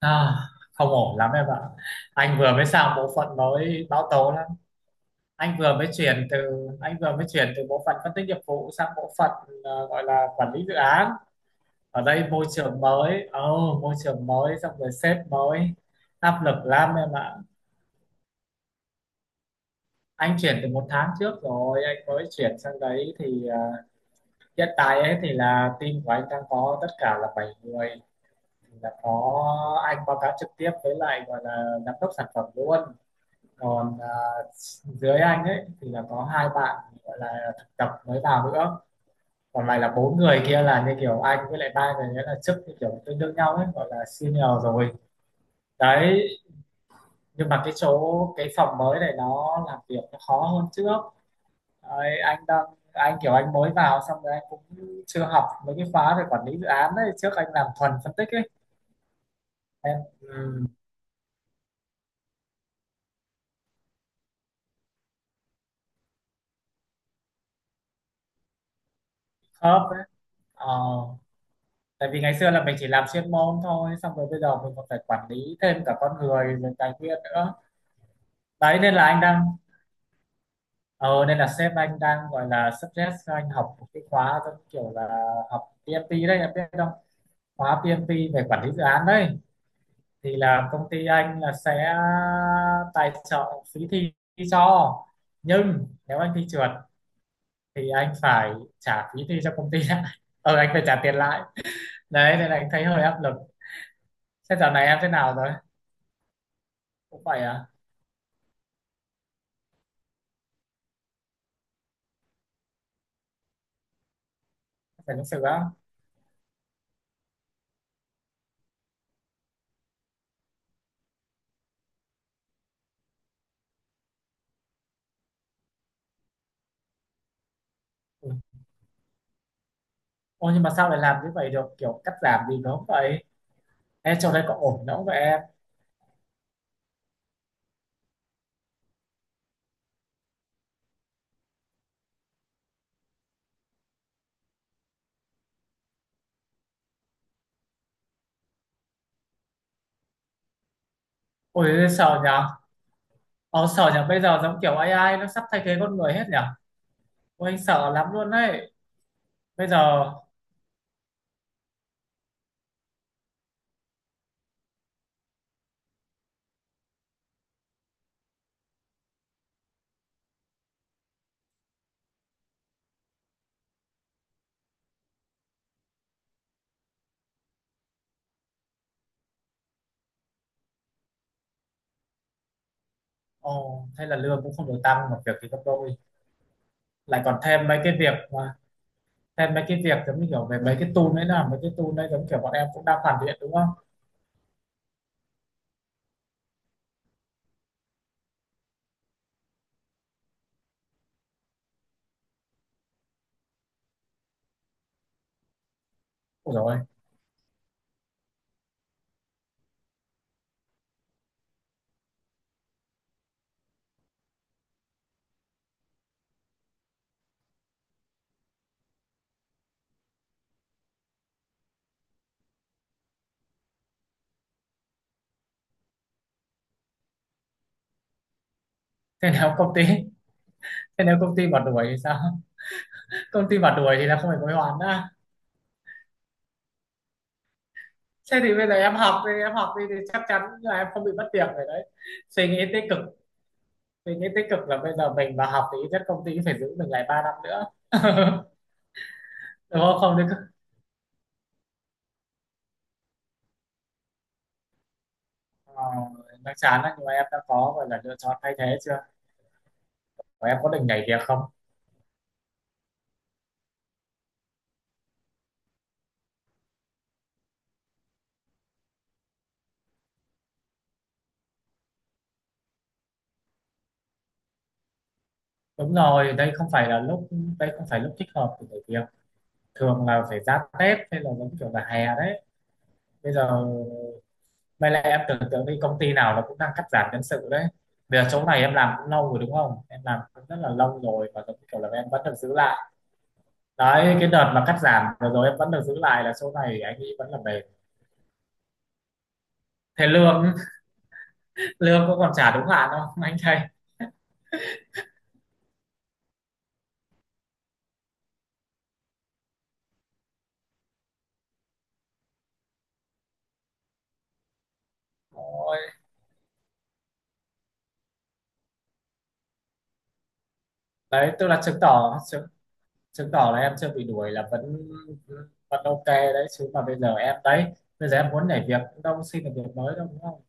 À, không ổn lắm em ạ. Anh vừa mới sang bộ phận mới báo tố lắm. Anh vừa mới chuyển từ anh vừa mới chuyển từ bộ phận phân tích nghiệp vụ sang bộ phận gọi là quản lý dự án. Ở đây môi trường mới xong rồi sếp mới, áp lực lắm em ạ. Anh chuyển từ một tháng trước rồi, anh mới chuyển sang đấy thì hiện tại ấy thì là team của anh đang có tất cả là 7 người. Thì là có anh báo cáo trực tiếp với lại gọi là giám đốc sản phẩm luôn, còn dưới anh ấy thì là có hai bạn gọi là thực tập mới vào nữa, còn lại là bốn người kia là như kiểu anh với lại ba người nữa là chức như kiểu tương đương nhau ấy, gọi là senior rồi đấy. Nhưng mà cái phòng mới này nó làm việc nó khó hơn trước. Đấy, anh kiểu anh mới vào xong rồi anh cũng chưa học mấy cái khóa về quản lý dự án đấy, trước anh làm thuần phân tích ấy. Em khớp đấy. ờ Tại vì ngày xưa là mình chỉ làm chuyên môn thôi, xong rồi bây giờ mình còn phải quản lý thêm cả con người rồi tài nguyên nữa. Đấy nên là sếp anh đang gọi là suggest cho anh học một cái khóa giống kiểu là học PMP đấy, em biết không? Khóa PMP về quản lý dự án đấy thì là công ty anh là sẽ tài trợ phí thi cho, nhưng nếu anh thi trượt thì anh phải trả phí thi cho công ty lại. Anh phải trả tiền lại. Đấy nên là anh thấy hơi áp lực. Thế giờ này em thế nào rồi? Cũng vậy à? Phải thực sự á? Ừ. Ôi nhưng mà sao lại làm như vậy được, kiểu cắt giảm gì nó không vậy em, trong đây có ổn đâu vậy em? Ôi sợ nhở. Ờ sợ nhở, bây giờ giống kiểu AI nó sắp thay thế con người hết nhở. Ôi anh sợ lắm luôn đấy. Bây giờ Ồ hay là lương cũng không được tăng mà việc thì gấp đôi, lại còn thêm mấy cái việc giống như kiểu về mấy cái tool đấy giống kiểu bọn em cũng đang hoàn thiện đúng không? Ủa rồi. Thế, nếu công ty thế nếu công ty mà đuổi thì sao? Công ty mà đuổi thì là không phải hối hoãn nữa. Thế thì bây giờ em học đi, em học đi thì chắc chắn là em không bị mất việc rồi đấy. Suy nghĩ tích cực. Suy nghĩ tích cực là bây giờ mình mà học thì ít nhất công ty cũng phải giữ mình lại 3 năm nữa. Đúng không? Không đấy. ờ, nó chán đấy nhưng mà em đã có gọi là lựa chọn thay thế chưa, và em có định nhảy việc không? Đúng rồi, đây không phải là lúc, đây không phải lúc thích hợp để nhảy việc. Thường là phải ra Tết hay là giống kiểu là hè đấy. Bây giờ May là, em tưởng tượng đi, công ty nào nó cũng đang cắt giảm nhân sự đấy. Bây giờ chỗ này em làm cũng lâu rồi đúng không? Em làm cũng rất là lâu rồi và giống như kiểu là em vẫn được giữ lại. Đấy, cái đợt mà cắt giảm vừa rồi em vẫn được giữ lại là chỗ này anh ấy vẫn là bền. Thế lương, lương cũng còn trả đúng hạn không, anh thầy? Ôi, đấy, tức là chứng tỏ, chứng tỏ là em chưa bị đuổi là vẫn vẫn ok đấy. Chứ mà bây giờ em muốn nhảy việc cũng đâu xin được việc mới đâu đúng không?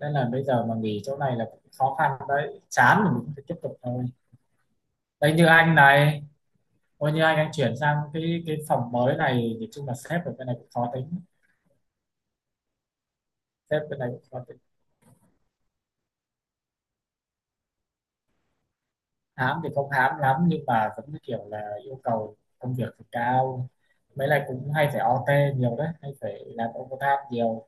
Nên là bây giờ mà nghỉ chỗ này là cũng khó khăn đấy. Chán thì mình phải tiếp tục thôi. Đấy như anh này, coi như anh chuyển sang cái phòng mới này thì chung là sếp ở bên này cũng khó tính. sếp bên này cũng khó tính Hám thì không hám lắm nhưng mà vẫn như kiểu là yêu cầu công việc thì cao, mấy lại cũng hay phải OT nhiều đấy, hay phải làm overtime nhiều.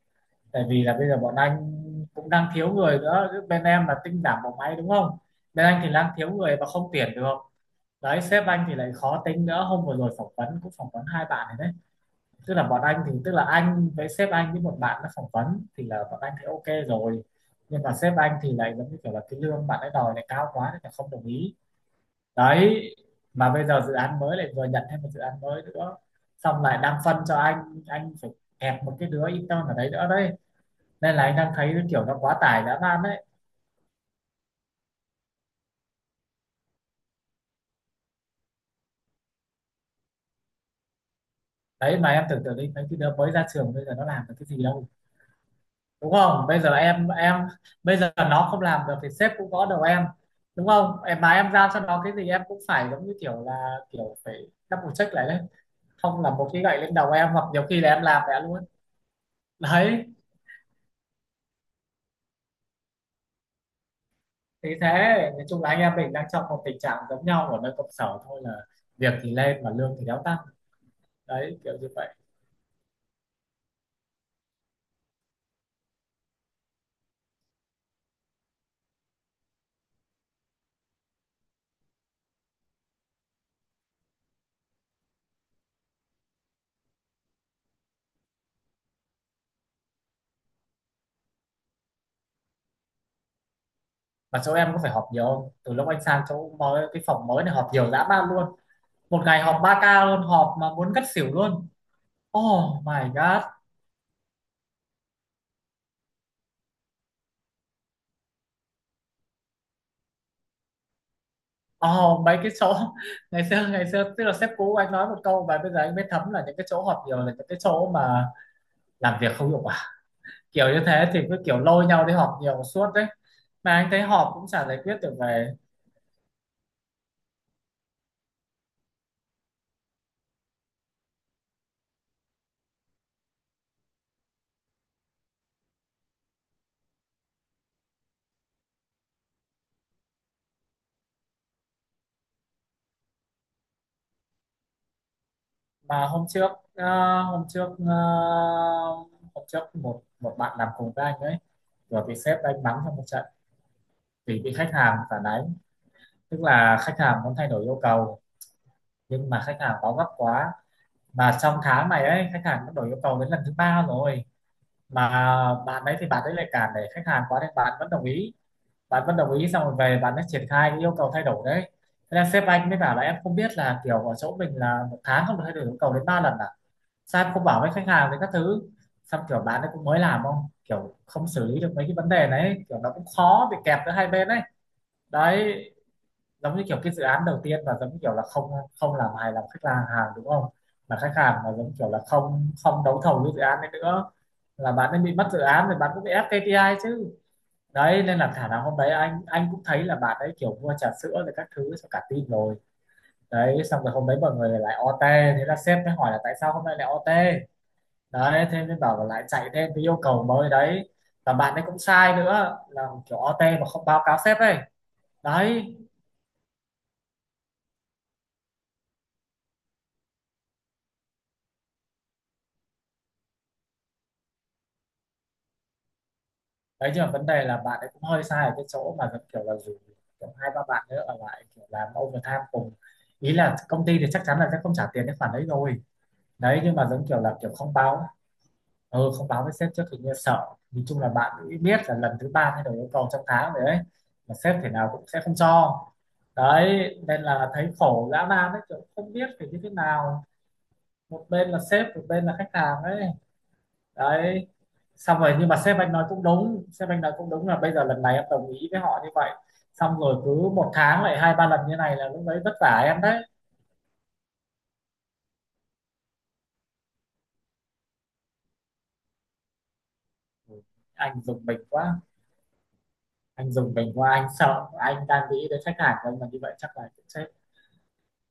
Tại vì là bây giờ bọn anh cũng đang thiếu người nữa. Chứ bên em là tinh giảm bộ máy đúng không? Bên anh thì đang thiếu người và không tuyển được. Đấy, sếp anh thì lại khó tính nữa. Hôm vừa rồi phỏng vấn cũng phỏng vấn hai bạn này đấy. Tức là anh với sếp anh với một bạn nó phỏng vấn thì là bọn anh thấy ok rồi, nhưng mà sếp anh thì lại giống như kiểu là cái lương bạn ấy đòi lại cao quá nên là không đồng ý. Đấy, mà bây giờ dự án mới lại vừa nhận thêm một dự án mới nữa, xong lại đang phân cho anh phải kẹp một cái đứa intern ở đấy nữa đấy. Nên là anh đang thấy cái kiểu nó quá tải dã man đấy. Đấy mà em tưởng tượng đi, mấy cái đứa mới ra trường bây giờ nó làm được cái gì đâu. Đúng không, bây giờ bây giờ nó không làm được thì sếp cũng gõ đầu em. Đúng không, em mà em giao cho nó cái gì em cũng phải giống như kiểu là kiểu phải double check lại đấy, không là một cái gậy lên đầu em, hoặc nhiều khi là em làm mẹ luôn. Đấy thì thế, nói chung là anh em mình đang trong một tình trạng giống nhau ở nơi công sở thôi, là việc thì lên mà lương thì đéo tăng. Đấy kiểu như vậy. Mà chỗ em có phải họp nhiều không, từ lúc anh sang chỗ mới cái phòng mới này họp nhiều dã man luôn. Một ngày họp 3 ca luôn, họp mà muốn ngất xỉu luôn. Oh my god. Ồ, mấy cái chỗ ngày xưa tức là sếp cũ anh nói một câu và bây giờ anh mới thấm là những cái chỗ họp nhiều là những cái chỗ mà làm việc không hiệu quả, kiểu như thế thì cứ kiểu lôi nhau đi họp nhiều suốt đấy. Mà anh thấy họp cũng chả giải quyết được về. Mà hôm trước một một bạn làm cùng với anh ấy rồi bị sếp đánh mắng trong một trận vì bị khách hàng phản ánh. Tức là khách hàng muốn thay đổi yêu cầu nhưng mà khách hàng báo gấp quá, mà trong tháng này ấy khách hàng đã đổi yêu cầu đến lần thứ ba rồi, mà bạn đấy thì bạn đấy lại cản để khách hàng quá nên bạn vẫn đồng ý. Xong rồi về bạn ấy triển khai cái yêu cầu thay đổi đấy. Thế là sếp anh mới bảo là em không biết là kiểu ở chỗ mình là một tháng không được thay đổi yêu cầu đến 3 lần à? Sao em không bảo với khách hàng với các thứ? Xong kiểu bạn ấy cũng mới làm, không kiểu không xử lý được mấy cái vấn đề đấy, kiểu nó cũng khó bị kẹp giữa hai bên đấy. Đấy giống như kiểu cái dự án đầu tiên mà giống như kiểu là không không làm hài lòng khách hàng hàng đúng không? Mà khách hàng mà giống kiểu là không không đấu thầu cái dự án đấy nữa là bạn ấy bị mất dự án thì bạn cũng bị ép KPI chứ. Đấy nên là khả năng hôm đấy anh cũng thấy là bạn ấy kiểu mua trà sữa rồi các thứ cho cả team rồi. Đấy xong rồi hôm đấy mọi người lại OT. Thế là sếp mới hỏi là tại sao hôm nay lại OT. Đấy thế mới bảo là lại chạy thêm cái yêu cầu mới đấy, và bạn ấy cũng sai nữa là kiểu OT mà không báo cáo sếp ấy đấy. Đấy nhưng mà vấn đề là bạn ấy cũng hơi sai ở cái chỗ mà giống kiểu là dù kiểu hai ba bạn nữa ở lại kiểu làm overtime cùng, ý là công ty thì chắc chắn là sẽ không trả tiền cái khoản đấy rồi. Đấy nhưng mà giống kiểu là kiểu không báo, không báo với sếp trước thì như sợ. Nói chung là bạn cũng biết là lần thứ ba thay đổi yêu cầu trong tháng rồi đấy, mà sếp thế nào cũng sẽ không cho. Đấy nên là thấy khổ dã man đấy, kiểu không biết phải như thế nào, một bên là sếp một bên là khách hàng ấy. Đấy xong rồi nhưng mà sếp anh nói cũng đúng là bây giờ lần này em đồng ý với họ như vậy, xong rồi cứ một tháng lại 2-3 lần như này là lúc đấy vất vả em đấy. Ừ, anh dùng mình quá, anh dùng bình qua, anh sợ, anh đang nghĩ đến khách hàng của anh mà như vậy chắc là cũng chết.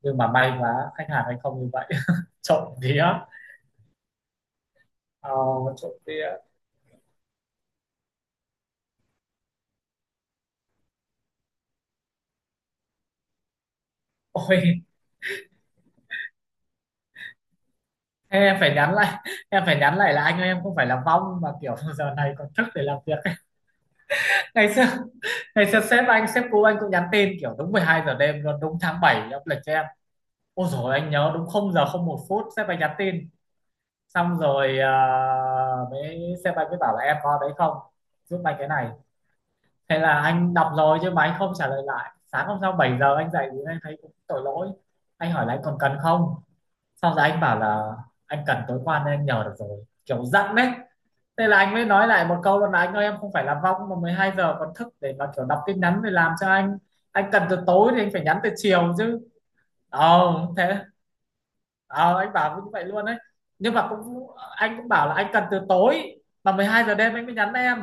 Nhưng mà may quá khách hàng anh không như vậy. Trộm vía. ờ, Trộm vía. Ôi, em phải nhắn lại, là anh ơi, em không phải là vong mà kiểu giờ này còn thức để làm việc. ngày xưa Ngày xưa sếp cũ anh cũng nhắn tin kiểu đúng 12 giờ đêm luôn, đúng tháng 7 âm lịch cho em. Ôi rồi anh nhớ đúng không, giờ không một phút sếp anh nhắn tin. Xong rồi ờ, mới sếp anh mới bảo là em có đấy không, giúp anh cái này, hay là anh đọc rồi chứ mà anh không trả lời. Lại sáng hôm sau 7 giờ anh dậy thì anh thấy cũng tội lỗi, anh hỏi là anh còn cần không. Sau rồi anh bảo là anh cần tối qua nên anh nhờ được rồi, kiểu giận đấy. Thế là anh mới nói lại một câu là anh ơi em không phải là vong mà 12 giờ còn thức để mà kiểu đọc tin nhắn để làm cho anh cần từ tối thì anh phải nhắn từ chiều chứ. Ờ thế ờ anh bảo như vậy luôn đấy. Nhưng mà cũng Anh cũng bảo là anh cần từ tối mà 12 giờ đêm anh mới nhắn em,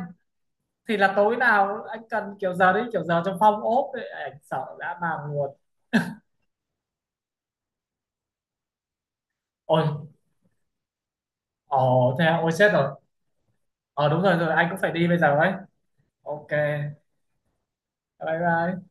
thì là tối nào anh cần kiểu giờ đấy kiểu giờ trong phong ốp ấy, anh sợ dã man luôn. Ôi. Ồ thế à? Ôi chết rồi. Ờ Đúng rồi, anh cũng phải đi bây giờ ấy. Ok. Bye bye.